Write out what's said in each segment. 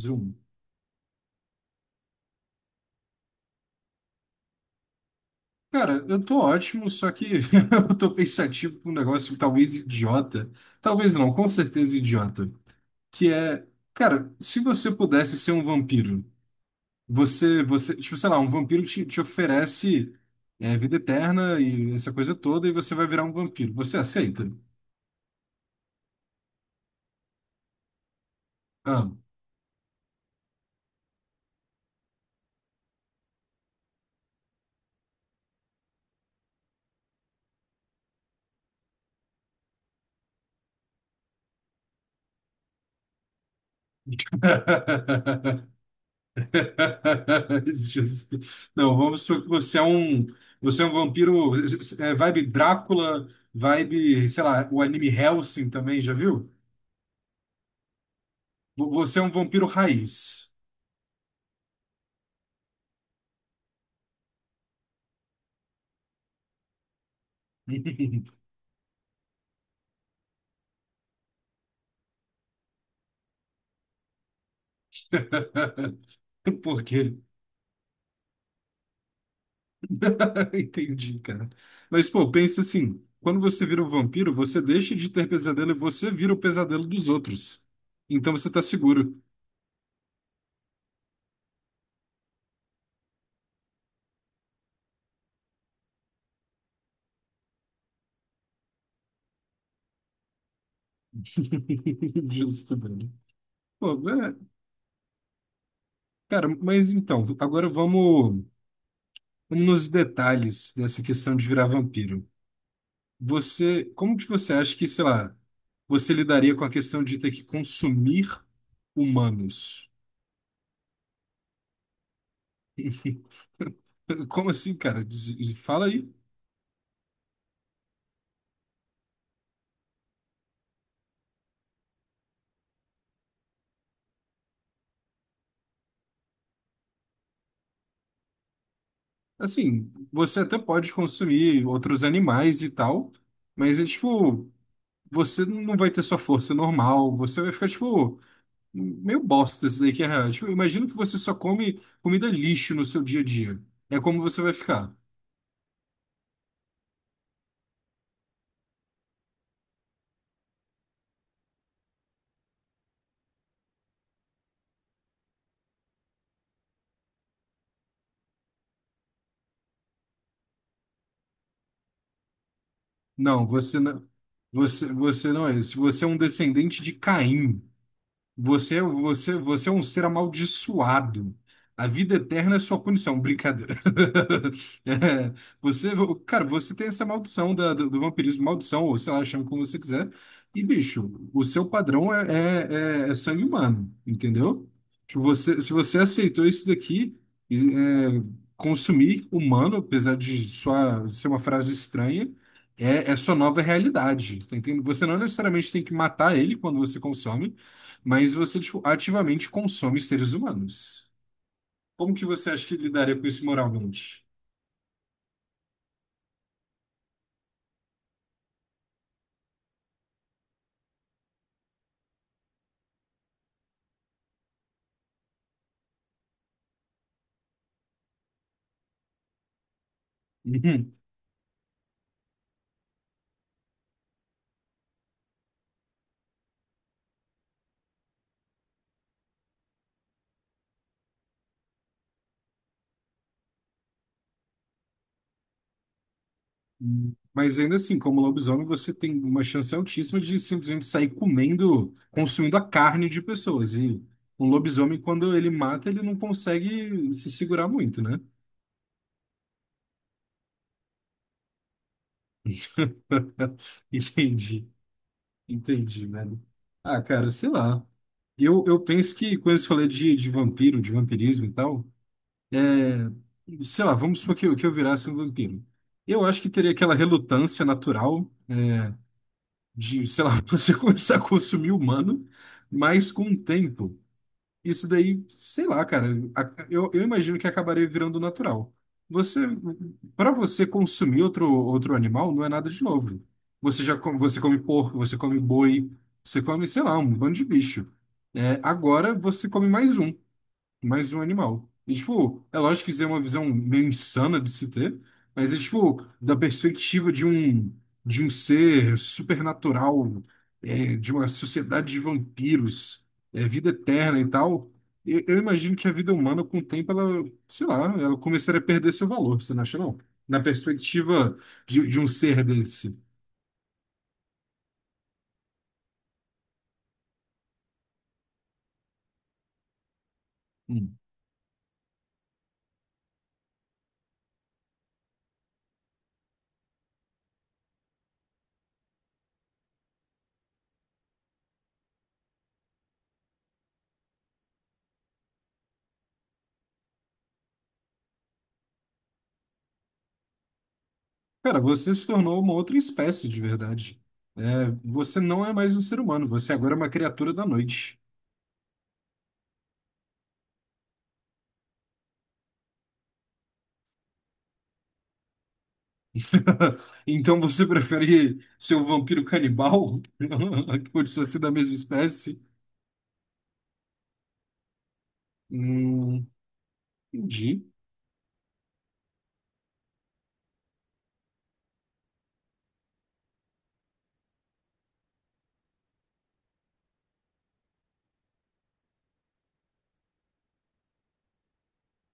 Zoom. Cara, eu tô ótimo, só que eu tô pensativo com um negócio talvez idiota. Talvez não, com certeza idiota. Que é, cara, se você pudesse ser um vampiro, você, tipo, sei lá, um vampiro te oferece vida eterna e essa coisa toda, e você vai virar um vampiro. Você aceita? Ah. Justo. Não, vamos supor que você é um vampiro, vibe Drácula, vibe, sei lá, o anime Hellsing também, já viu? Você é um vampiro raiz. Por quê? Entendi, cara. Mas, pô, pensa assim, quando você vira um vampiro, você deixa de ter pesadelo e você vira o pesadelo dos outros. Então você tá seguro. Justo, velho. Pô, é, cara, mas então, agora vamos nos detalhes dessa questão de virar vampiro. Você, como que você acha que, sei lá, você lidaria com a questão de ter que consumir humanos? Como assim, cara? Fala aí. Assim, você até pode consumir outros animais e tal, mas é tipo, você não vai ter sua força normal, você vai ficar tipo meio bosta isso daí que é real. Tipo, imagino que você só come comida lixo no seu dia a dia. É como você vai ficar. Não, você não, você não é isso. Você é um descendente de Caim. Você é um ser amaldiçoado. A vida eterna é sua punição. Brincadeira. É, você, cara, você tem essa maldição do, do vampirismo, maldição, ou sei lá, chama como você quiser. E, bicho, o seu padrão é, é, é- é sangue humano, entendeu? Tipo, você, se você aceitou isso daqui, é, consumir humano, apesar de sua, ser uma frase estranha, é sua nova realidade. Tá entendendo? Você não necessariamente tem que matar ele quando você consome. Mas você, tipo, ativamente consome seres humanos. Como que você acha que lidaria com isso moralmente? Uhum. Mas ainda assim, como lobisomem, você tem uma chance altíssima de simplesmente sair comendo, consumindo a carne de pessoas. E um lobisomem, quando ele mata, ele não consegue se segurar muito, né? Entendi, entendi, velho. Ah, cara, sei lá. Eu penso que quando você falou de vampiro, de vampirismo e tal, sei lá, vamos supor que eu virasse um vampiro. Eu acho que teria aquela relutância natural de, sei lá, você começar a consumir humano, mas com o tempo, isso daí, sei lá, cara, eu imagino que acabaria virando natural. Você, para você consumir outro animal, não é nada de novo. Você já come, você come porco, você come boi, você come, sei lá, um bando de bicho. É, agora você come mais um animal. E, tipo, é lógico que isso é uma visão meio insana de se ter, mas é, tipo, da perspectiva de um ser supernatural, de uma sociedade de vampiros, vida eterna e tal, eu imagino que a vida humana, com o tempo, ela, sei lá, ela começaria a perder seu valor, você não acha, não? Na perspectiva de um ser desse. Cara, você se tornou uma outra espécie de verdade. É, você não é mais um ser humano, você agora é uma criatura da noite. Então você prefere ser um vampiro canibal? Que continua ser da mesma espécie? Hum, entendi.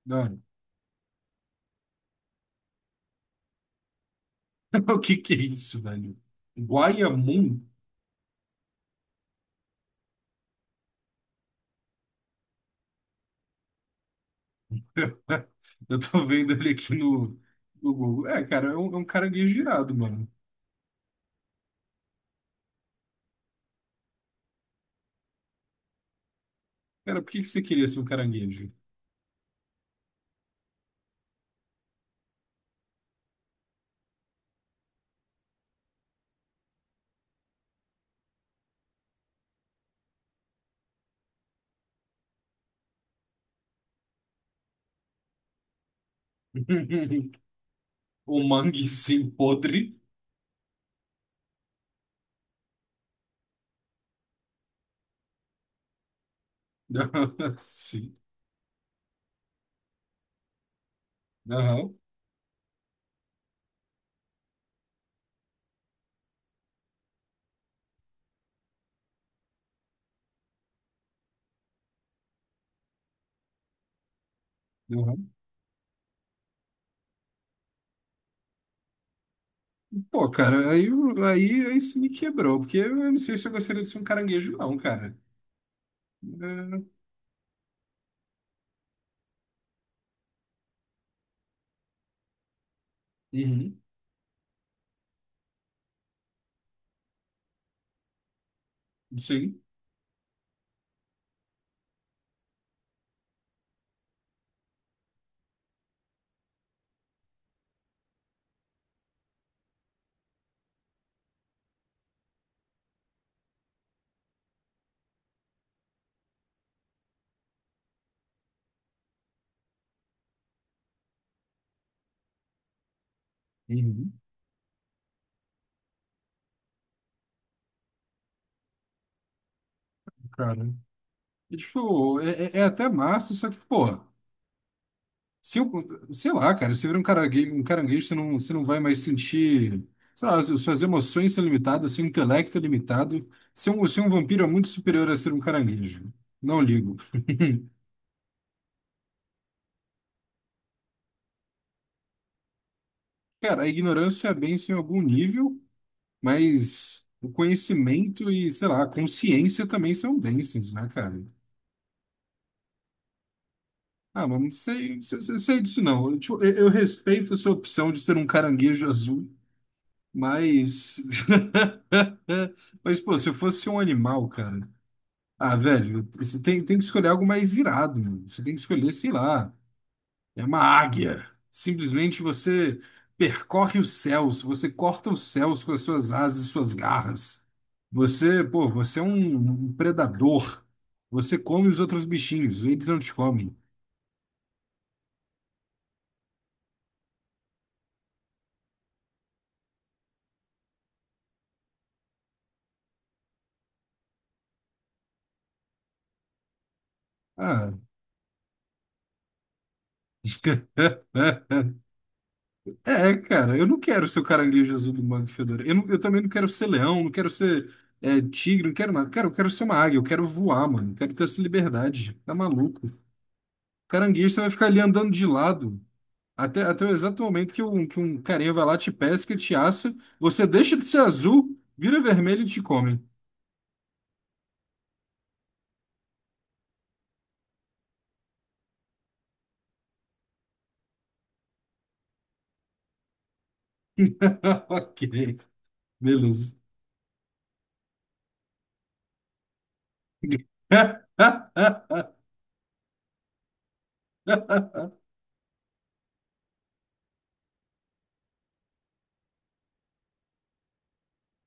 Cara, o que que é isso, velho? Guaiamum? Eu tô vendo ele aqui no, no Google. É, cara, é um caranguejo irado, mano. Cara, por que que você queria ser um caranguejo? Um mangue sim podre? Sim. Aham. Aham. Pô, cara, aí, aí, aí você me quebrou, porque eu não sei se eu gostaria de ser um caranguejo, não, cara. É, uhum, sim, uhum, cara. E, tipo, é, é é até massa, só que, porra, se eu, sei lá, cara, se vira um caranguejo, você não vai mais sentir, sei lá, as- suas emoções são limitadas, seu intelecto é limitado. Ser um vampiro é muito superior a ser um caranguejo. Não ligo. Cara, a ignorância é bênção em algum nível, mas o conhecimento e, sei lá, a consciência também são bênçãos, né, cara? Ah, mas não sei, sei disso não. Eu, tipo, eu respeito a sua opção de ser um caranguejo azul, mas. Mas, pô, se eu fosse um animal, cara. Ah, velho, tem que escolher algo mais irado, mano. Você tem que escolher, sei lá, é uma águia. Simplesmente você percorre os céus, você corta os céus com as suas asas e suas garras. Você, pô, você é um um predador. Você come os outros bichinhos, eles não te comem. Ah, é, cara, eu não quero ser o caralhinho Jesus do Mago Fedora. Eu também não quero ser leão, não quero ser tigre, não quero nada. Cara, eu quero ser uma águia, eu quero voar, mano. Eu quero ter essa liberdade. Tá maluco? Caranguejo, você vai ficar ali andando de lado até o exato momento que que um carinha vai lá, te pesca, te assa. Você deixa de ser azul, vira vermelho e te come. Ok, beleza.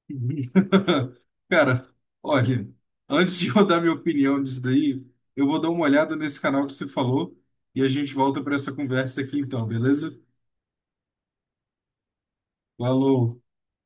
Uhum. Cara, olha, antes de eu dar minha opinião disso daí, eu vou dar uma olhada nesse canal que você falou e a gente volta para essa conversa aqui então, beleza? Falou!